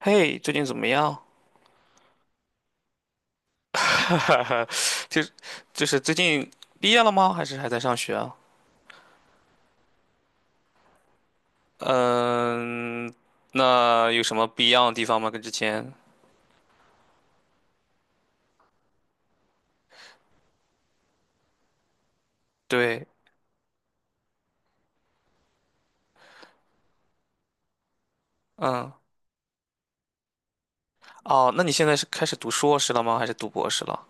嘿，最近怎么样？哈哈哈，就就是最近毕业了吗？还是还在上学啊？嗯，那有什么不一样的地方吗？跟之前？对，嗯，哦，那你现在是开始读硕士了吗？还是读博士了？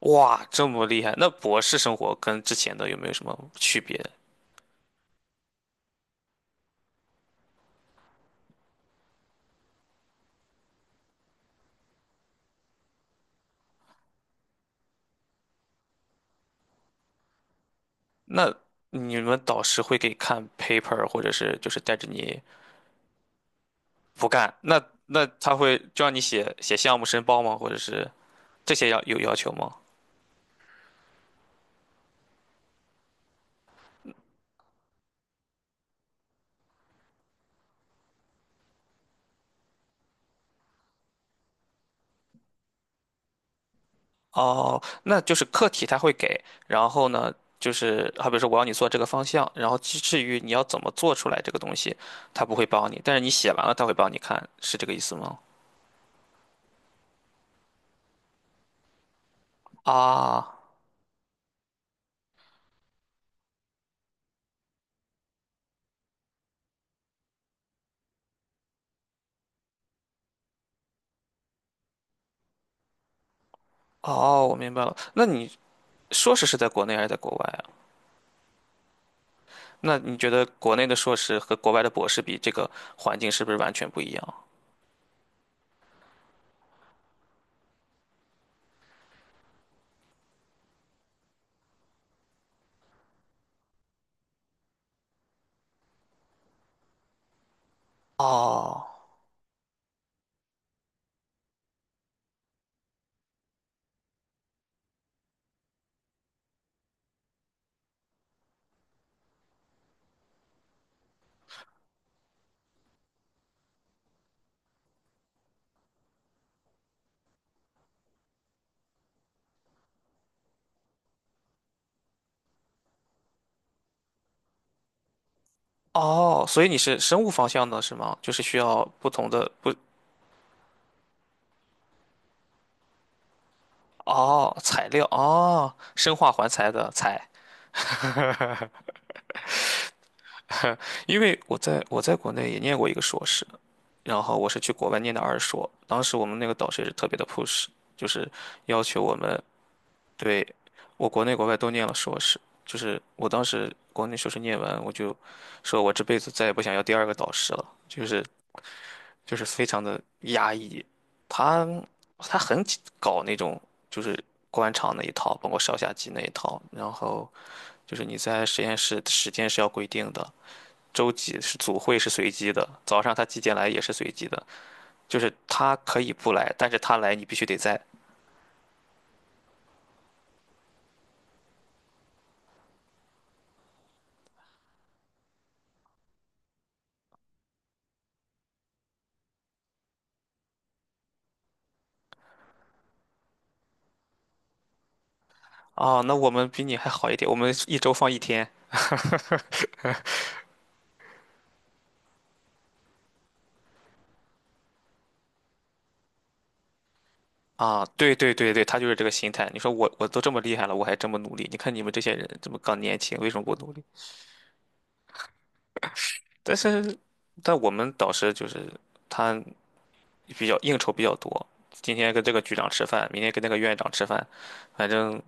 哇，这么厉害！那博士生活跟之前的有没有什么区别？那你们导师会给你看 paper，或者是就是带着你不干？那那他会就让你写写项目申报吗？或者是这些要有要求吗？哦，那就是课题他会给，然后呢，就是好比说我要你做这个方向，然后至于你要怎么做出来这个东西，他不会帮你，但是你写完了他会帮你看，是这个意思吗？啊，哦，我明白了。那你硕士是在国内还是在国外啊？那你觉得国内的硕士和国外的博士比，这个环境是不是完全不一样？哦，哦，所以你是生物方向的是吗？就是需要不同的不，哦，材料，哦，生化环材的材。因为我在国内也念过一个硕士，然后我是去国外念的二硕。当时我们那个导师也是特别的 push，就是要求我们对我国内国外都念了硕士。就是我当时国内硕士念完，我就说我这辈子再也不想要第二个导师了，就是非常的压抑。他他很搞那种就是官场那一套，包括上下级那一套，然后就是你在实验室时间是要规定的。周几是组会是随机的，早上他几点来也是随机的，就是他可以不来，但是他来你必须得在。啊，那我们比你还好一点，我们一周放一天。啊，对对对对，他就是这个心态。你说我都这么厉害了，我还这么努力，你看你们这些人这么刚年轻，为什么不努力？但是，但我们导师就是他比较应酬比较多，今天跟这个局长吃饭，明天跟那个院长吃饭，反正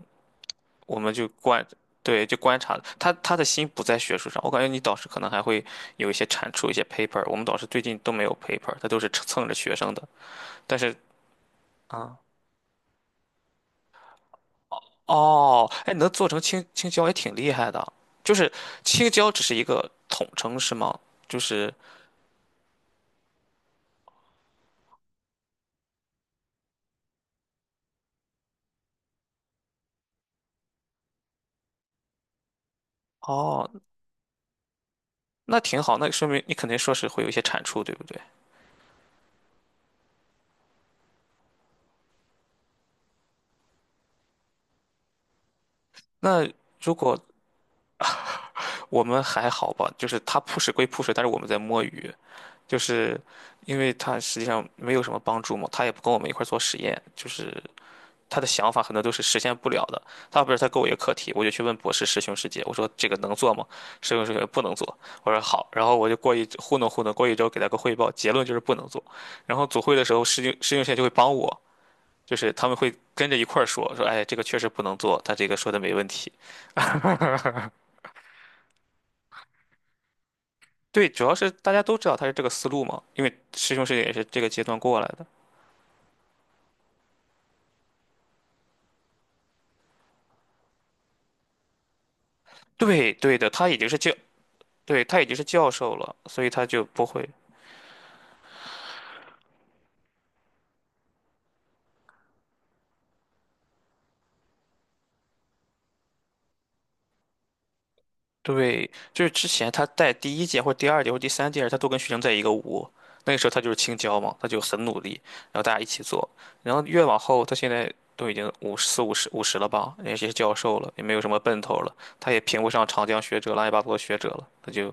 我们就观，对，就观察他的心不在学术上，我感觉你导师可能还会有一些产出一些 paper，我们导师最近都没有 paper，他都是蹭着学生的。但是啊，哦，哎，能做成青椒也挺厉害的，就是青椒只是一个统称是吗？就是哦，那挺好，那说明你肯定说是会有一些产出，对不对？那如果我们还好吧，就是他 push 归 push，但是我们在摸鱼。就是因为他实际上没有什么帮助嘛，他也不跟我们一块儿做实验，就是他的想法很多都是实现不了的。他不是他给我一个课题，我就去问博士师兄师姐，我说这个能做吗？师兄师姐不能做，我说好，然后我就过一糊弄，过一周给他个汇报，结论就是不能做。然后组会的时候，师兄师姐就会帮我，就是他们会跟着一块儿说说，哎，这个确实不能做，他这个说的没问题。对，主要是大家都知道他是这个思路嘛，因为师兄师姐也是这个阶段过来的。对对的，他已经是教对，他已经是教授了，所以他就不会。对，就是之前他带第一届或者第二届或者第三届时，他都跟学生在一个屋。那个时候他就是青椒嘛，他就很努力，然后大家一起做。然后越往后，他现在都已经五十四五十五十了吧，也是教授了，也没有什么奔头了，他也评不上长江学者、乱七八糟的学者了，他就，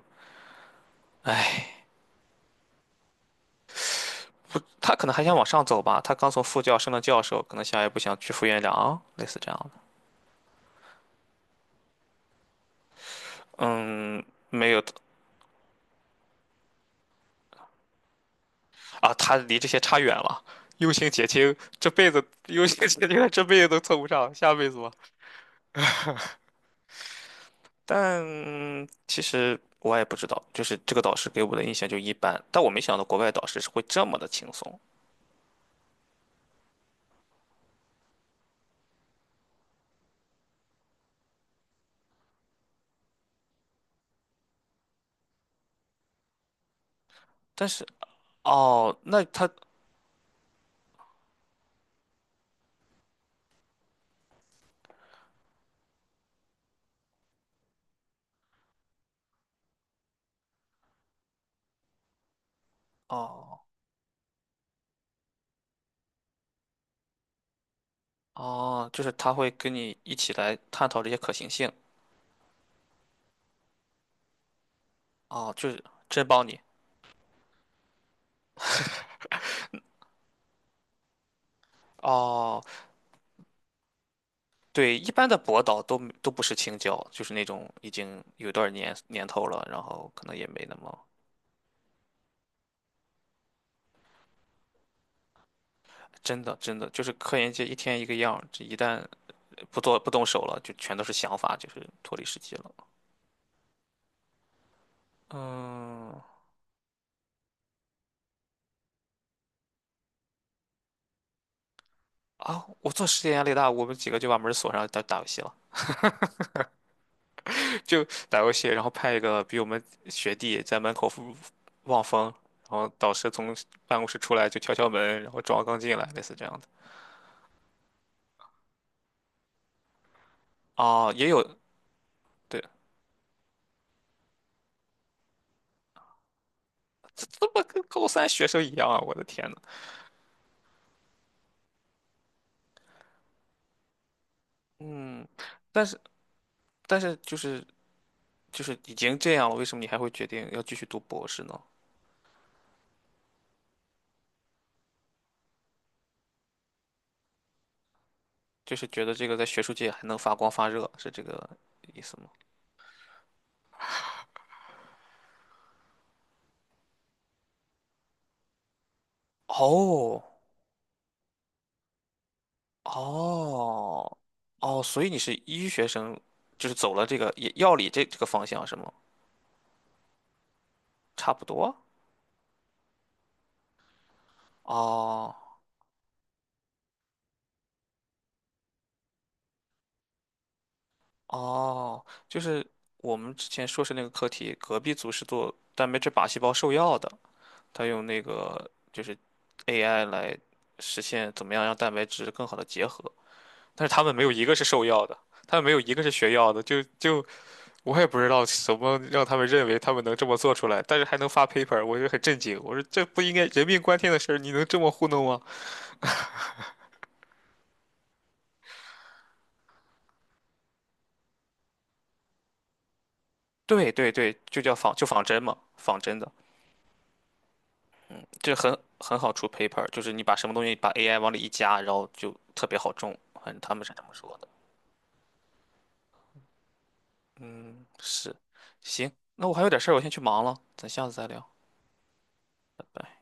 唉，他可能还想往上走吧，他刚从副教升到教授，可能下一步想去副院长，类似这样的。嗯，没有，啊，他离这些差远了。用心结晶这辈子用心结晶，这辈子都凑不上，下辈子吧。但其实我也不知道，就是这个导师给我的印象就一般。但我没想到国外导师是会这么的轻松。但是哦，那他哦哦，就是他会跟你一起来探讨这些可行性。哦，就是真帮你。哦，对，一般的博导都不是青椒，就是那种已经有段年头了，然后可能也没那么真的真的就是科研界一天一个样儿这一旦不做不动手了，就全都是想法，就是脱离实际了。嗯。啊，我做实验压力大，我们几个就把门锁上打游戏了，就打游戏，然后派一个比我们学弟在门口望风，然后导师从办公室出来就敲门，然后装刚进来，类似这样的。啊，也有，对，这怎么跟高三学生一样啊？我的天呐。嗯，但是但是就是就是已经这样了，为什么你还会决定要继续读博士呢？就是觉得这个在学术界还能发光发热，是这个意思吗？哦哦哦，所以你是医学生，就是走了这个也药理这个方向是吗？差不多。哦哦，就是我们之前硕士那个课题，隔壁组是做蛋白质靶细胞受药的，他用那个就是 AI 来实现怎么样让蛋白质更好的结合，但是他们没有一个是受药的，他们没有一个是学药的，就我也不知道怎么让他们认为他们能这么做出来，但是还能发 paper，我就很震惊。我说这不应该人命关天的事儿，你能这么糊弄吗？对对对，就叫仿真嘛，仿真的，这很好出 paper，就是你把什么东西把 AI 往里一加，然后就特别好中。反正他们是这么说的。嗯，是，行，那我还有点事儿，我先去忙了，咱下次再聊，拜拜。